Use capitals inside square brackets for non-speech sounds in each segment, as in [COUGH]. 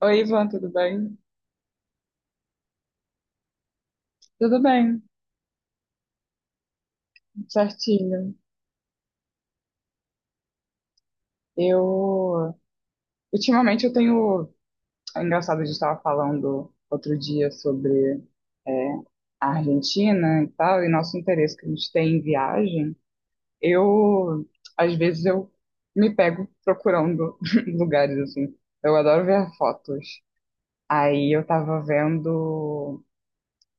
Oi, Ivan, tudo bem? Tudo bem, certinho. Eu, ultimamente eu tenho. É engraçado, a gente estava falando outro dia sobre é, a Argentina e tal, e nosso interesse que a gente tem em viagem. Eu, às vezes, eu me pego procurando [LAUGHS] lugares, assim. Eu adoro ver fotos. Aí eu tava vendo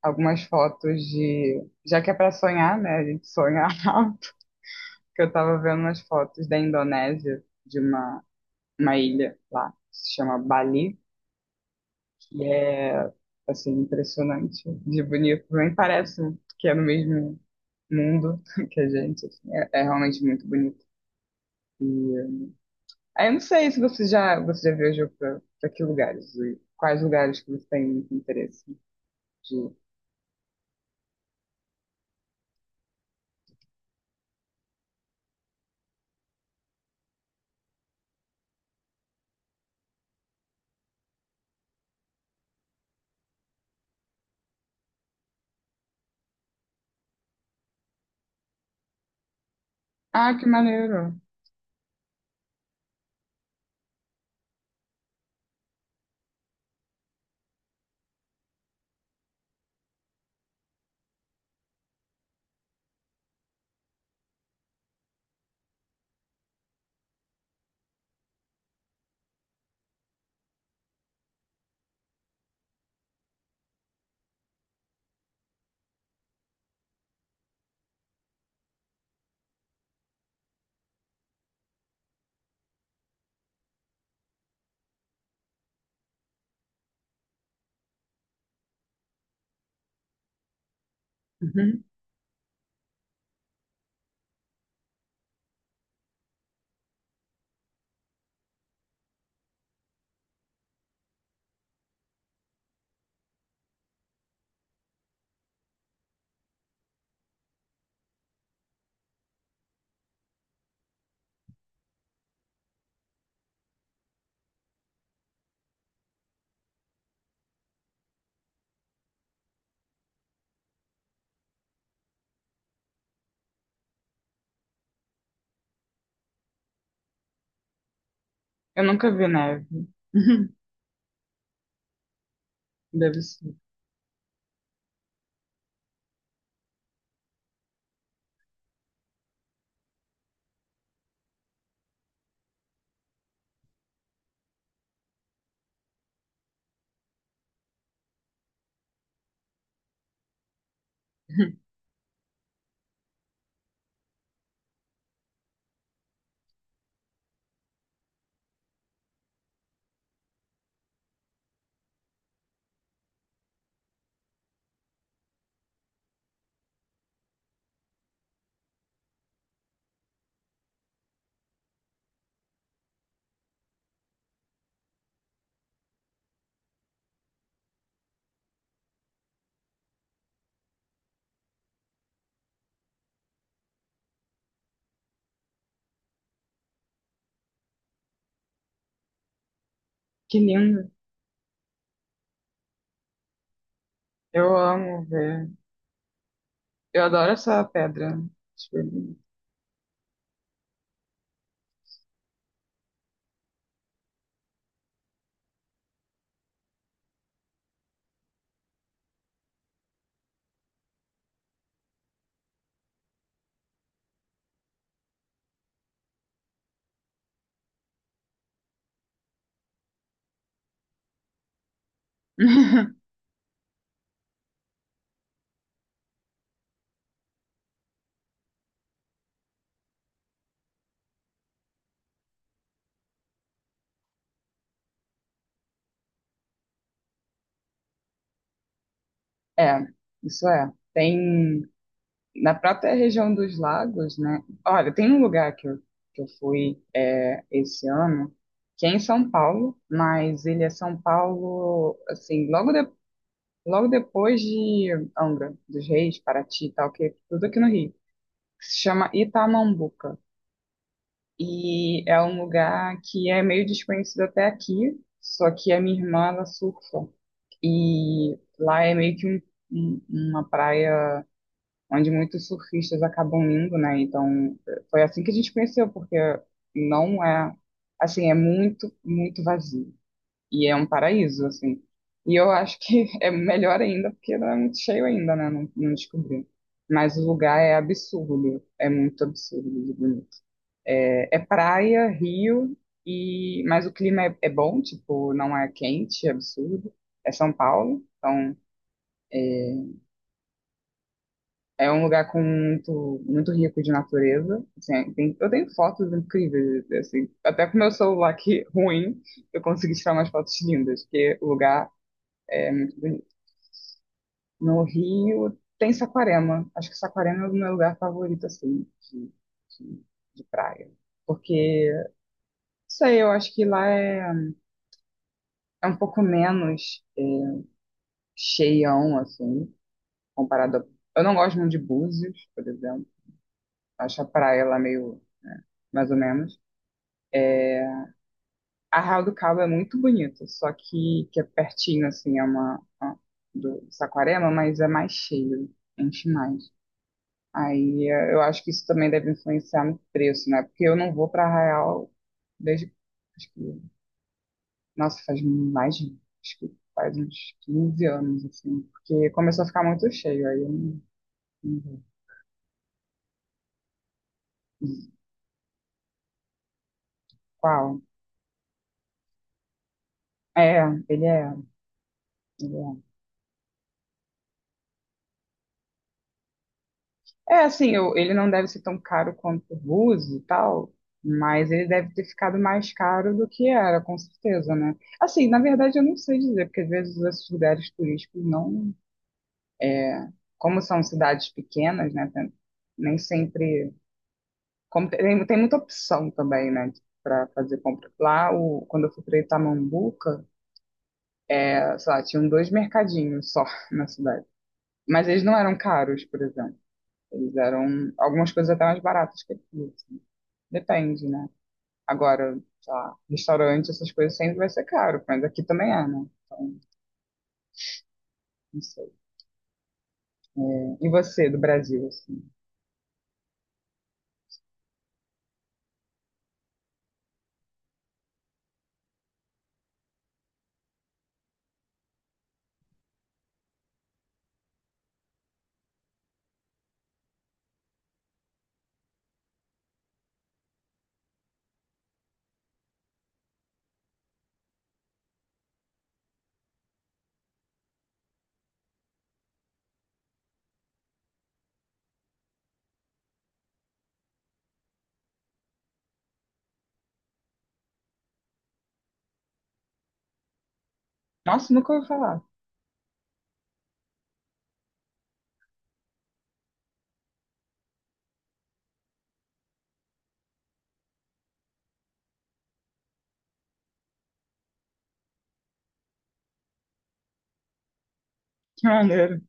algumas fotos de, já que é para sonhar, né, a gente sonha [LAUGHS] que eu tava vendo umas fotos da Indonésia, de uma ilha lá, que se chama Bali, que é, assim, impressionante de bonito. Nem parece que é no mesmo mundo [LAUGHS] que a gente, assim, é realmente muito bonito. E, aí eu não sei se você já viajou pra que lugares, e quais lugares que você tem muito interesse de ir. Ah, que maneiro! Uhum. Eu nunca vi neve. [LAUGHS] Deve ser. Que lindo! Eu amo ver. Eu adoro essa pedra. Acho bem bonito. [LAUGHS] É, isso é. Tem na própria região dos lagos, né? Olha, tem um lugar que eu fui esse ano, que é em São Paulo, mas ele é São Paulo, assim, logo depois de Angra dos Reis, Paraty e tal, que é tudo aqui no Rio, que se chama Itamambuca. E é um lugar que é meio desconhecido até aqui, só que a minha irmã, ela surfa. E lá é meio que um- uma praia onde muitos surfistas acabam indo, né? Então, foi assim que a gente conheceu, porque não é, assim, muito vazio. E é um paraíso, assim. E eu acho que [LAUGHS] é melhor ainda, porque não é muito cheio ainda, né? Não descobri. Mas o lugar é absurdo, é muito absurdo de bonito. É, é praia, rio, e mas o clima é, é bom, tipo, não é quente, é absurdo. É São Paulo, então é um lugar com muito, muito rico de natureza. Assim, eu tenho fotos incríveis, assim, até com meu celular que [LAUGHS] ruim, eu consegui tirar umas fotos lindas, porque o lugar é muito bonito. No Rio tem Saquarema. Acho que Saquarema é o meu lugar favorito, assim, de, de praia. Porque, não sei, eu acho que lá é um pouco menos cheião, assim, comparado a... Eu não gosto muito de Búzios, por exemplo. Acho a praia lá meio mais ou menos. A Arraial do Cabo é muito bonito, só que é pertinho, assim, é uma, ó, do Saquarema, mas é mais cheio, enche mais. Eu acho que isso também deve influenciar no preço, né? Porque eu não vou para Arraial desde, acho que, nossa, acho que faz uns 15 anos, assim, porque começou a ficar muito cheio, aí eu não, não vou. Qual? É, ele é, ele é. É, assim, ele não deve ser tão caro quanto o Búzios e tal, mas ele deve ter ficado mais caro do que era, com certeza, né? Assim, na verdade, eu não sei dizer, porque às vezes esses lugares turísticos não. Como são cidades pequenas, né? Nem sempre. Como tem muita opção também, né? Para fazer compra. Lá, o, quando eu fui para Itamambuca, sei lá, tinham dois mercadinhos só [LAUGHS] na cidade. Mas eles não eram caros, por exemplo. Eles eram algumas coisas até mais baratas que aqui, assim. Depende, né? Agora, sei lá, restaurante, essas coisas sempre vai ser caro, mas aqui também é, né? Então, não sei. E você, do Brasil, assim? Nossa, nunca ouvi falar. Que maneiro.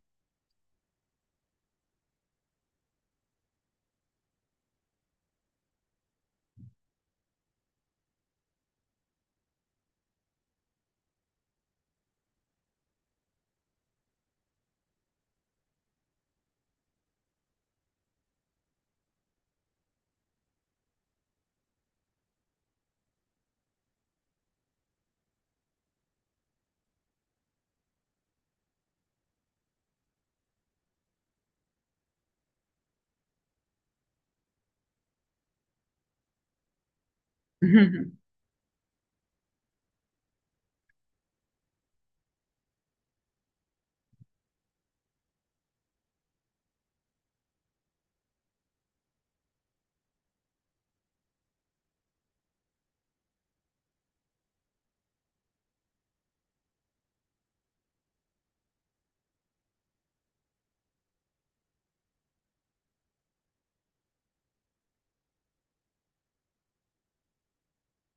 [LAUGHS]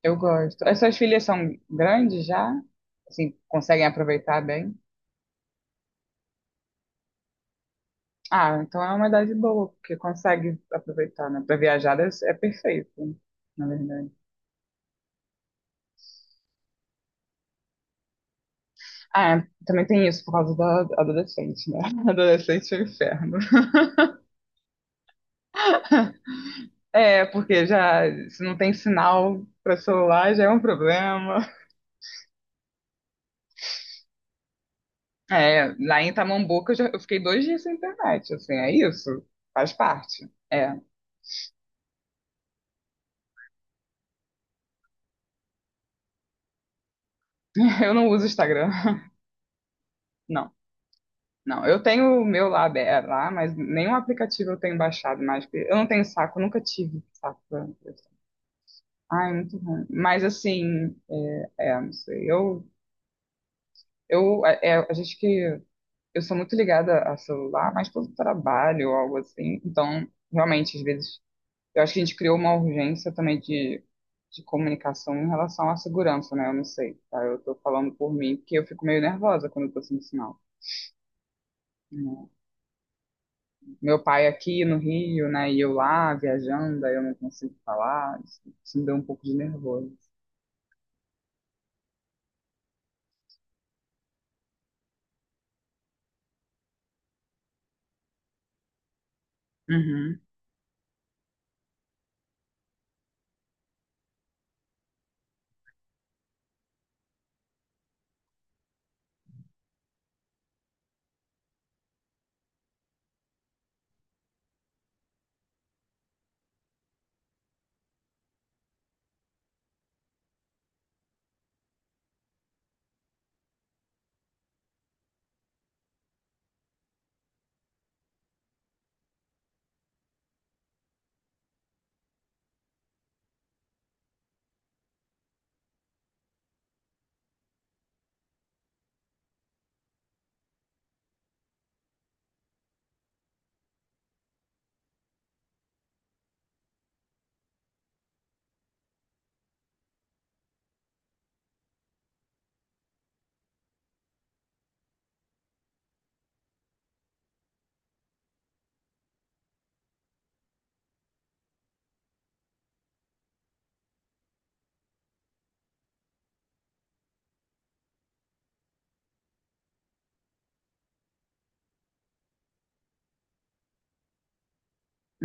Eu gosto. As suas filhas são grandes já? Assim, conseguem aproveitar bem? Ah, então é uma idade boa, porque consegue aproveitar, né? Pra viajar deve ser- é perfeito, na verdade. Ah, também tem isso por causa da adolescente, né? [LAUGHS] Adolescente é um inferno. É, porque já se não tem sinal para celular já é um problema. É, lá em Tamambuca eu fiquei 2 dias sem internet, assim, é isso. Faz parte. É, [LAUGHS] eu não uso Instagram. [LAUGHS] Não, não. Eu tenho o meu lá, aberto, lá, mas nenhum aplicativo eu tenho baixado mais. Porque eu não tenho saco, nunca tive saco. Pra isso. Ai, muito ruim. Mas assim, não sei. A gente que eu sou muito ligada a celular, mas pelo trabalho ou algo assim. Então, realmente, às vezes eu acho que a gente criou uma urgência também de comunicação em relação à segurança, né? Eu não sei, tá? Eu tô falando por mim, porque eu fico meio nervosa quando eu tô sem sinal. Né? Meu pai aqui no Rio, né? E eu lá viajando, aí eu não consigo falar. Isso me deu um pouco de nervoso. Uhum.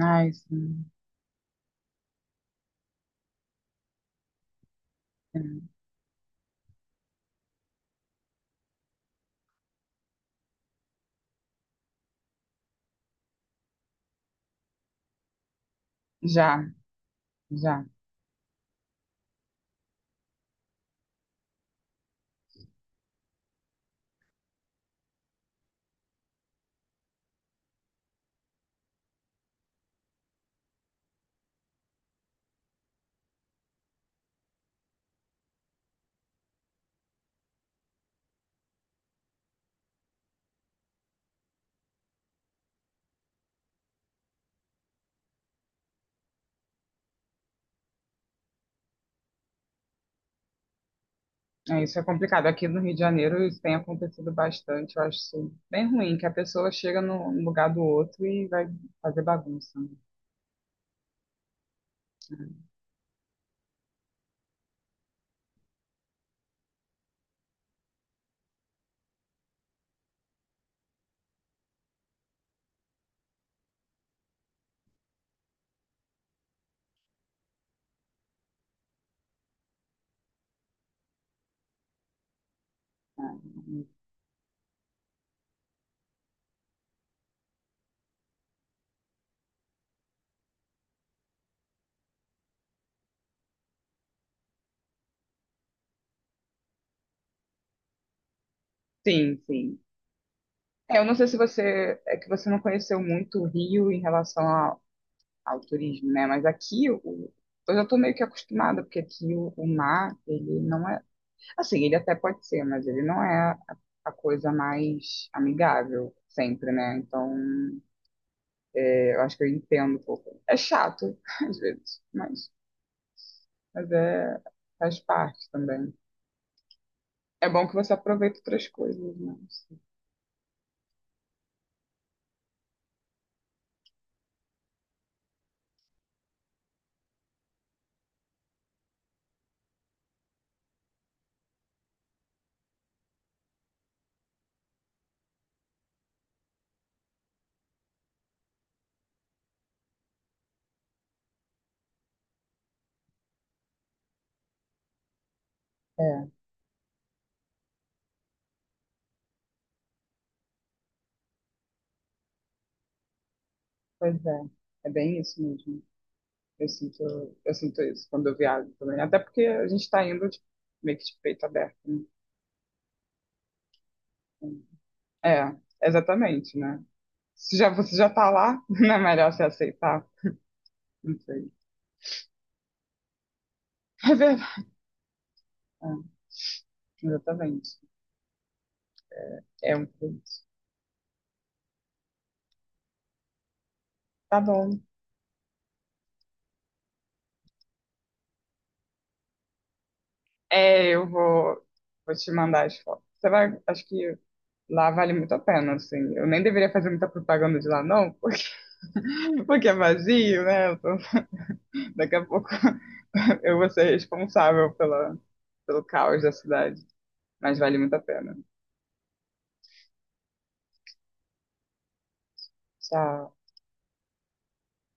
Ai, sim. É. Já, já. É, isso é complicado. Aqui no Rio de Janeiro isso tem acontecido bastante. Eu acho isso bem ruim, que a pessoa chega no lugar do outro e vai fazer bagunça. Né? É, é, Sim, sim. É, eu não sei se você é que você não conheceu muito o Rio em relação ao turismo, né? Mas aqui o, eu já estou meio que acostumada, porque aqui o mar, ele não é. Assim, ele até pode ser, mas ele não é a coisa mais amigável sempre, né? Então, é, eu acho que eu entendo um pouco. É chato, [LAUGHS] às vezes, mas é, faz parte também. É bom que você aproveita outras coisas, né? É, pois é. É bem isso mesmo. Eu sinto, eu sinto isso quando eu viajo também. Até porque a gente está indo de- meio que de peito aberto. Né? Então, É, exatamente, né? Se já, você já tá lá, [LAUGHS] não é melhor você aceitar? Não sei. [LAUGHS] É verdade. É, exatamente. É um pouco isso. Tá bom. É, eu vou, vou te mandar as fotos. Você vai, acho que lá vale muito a pena, assim. Eu nem deveria fazer muita propaganda de lá, não, porque, [LAUGHS] porque é vazio, né? Daqui a pouco [LAUGHS] eu vou ser responsável pela, pelo caos da cidade. Mas vale muito a pena. Tchau.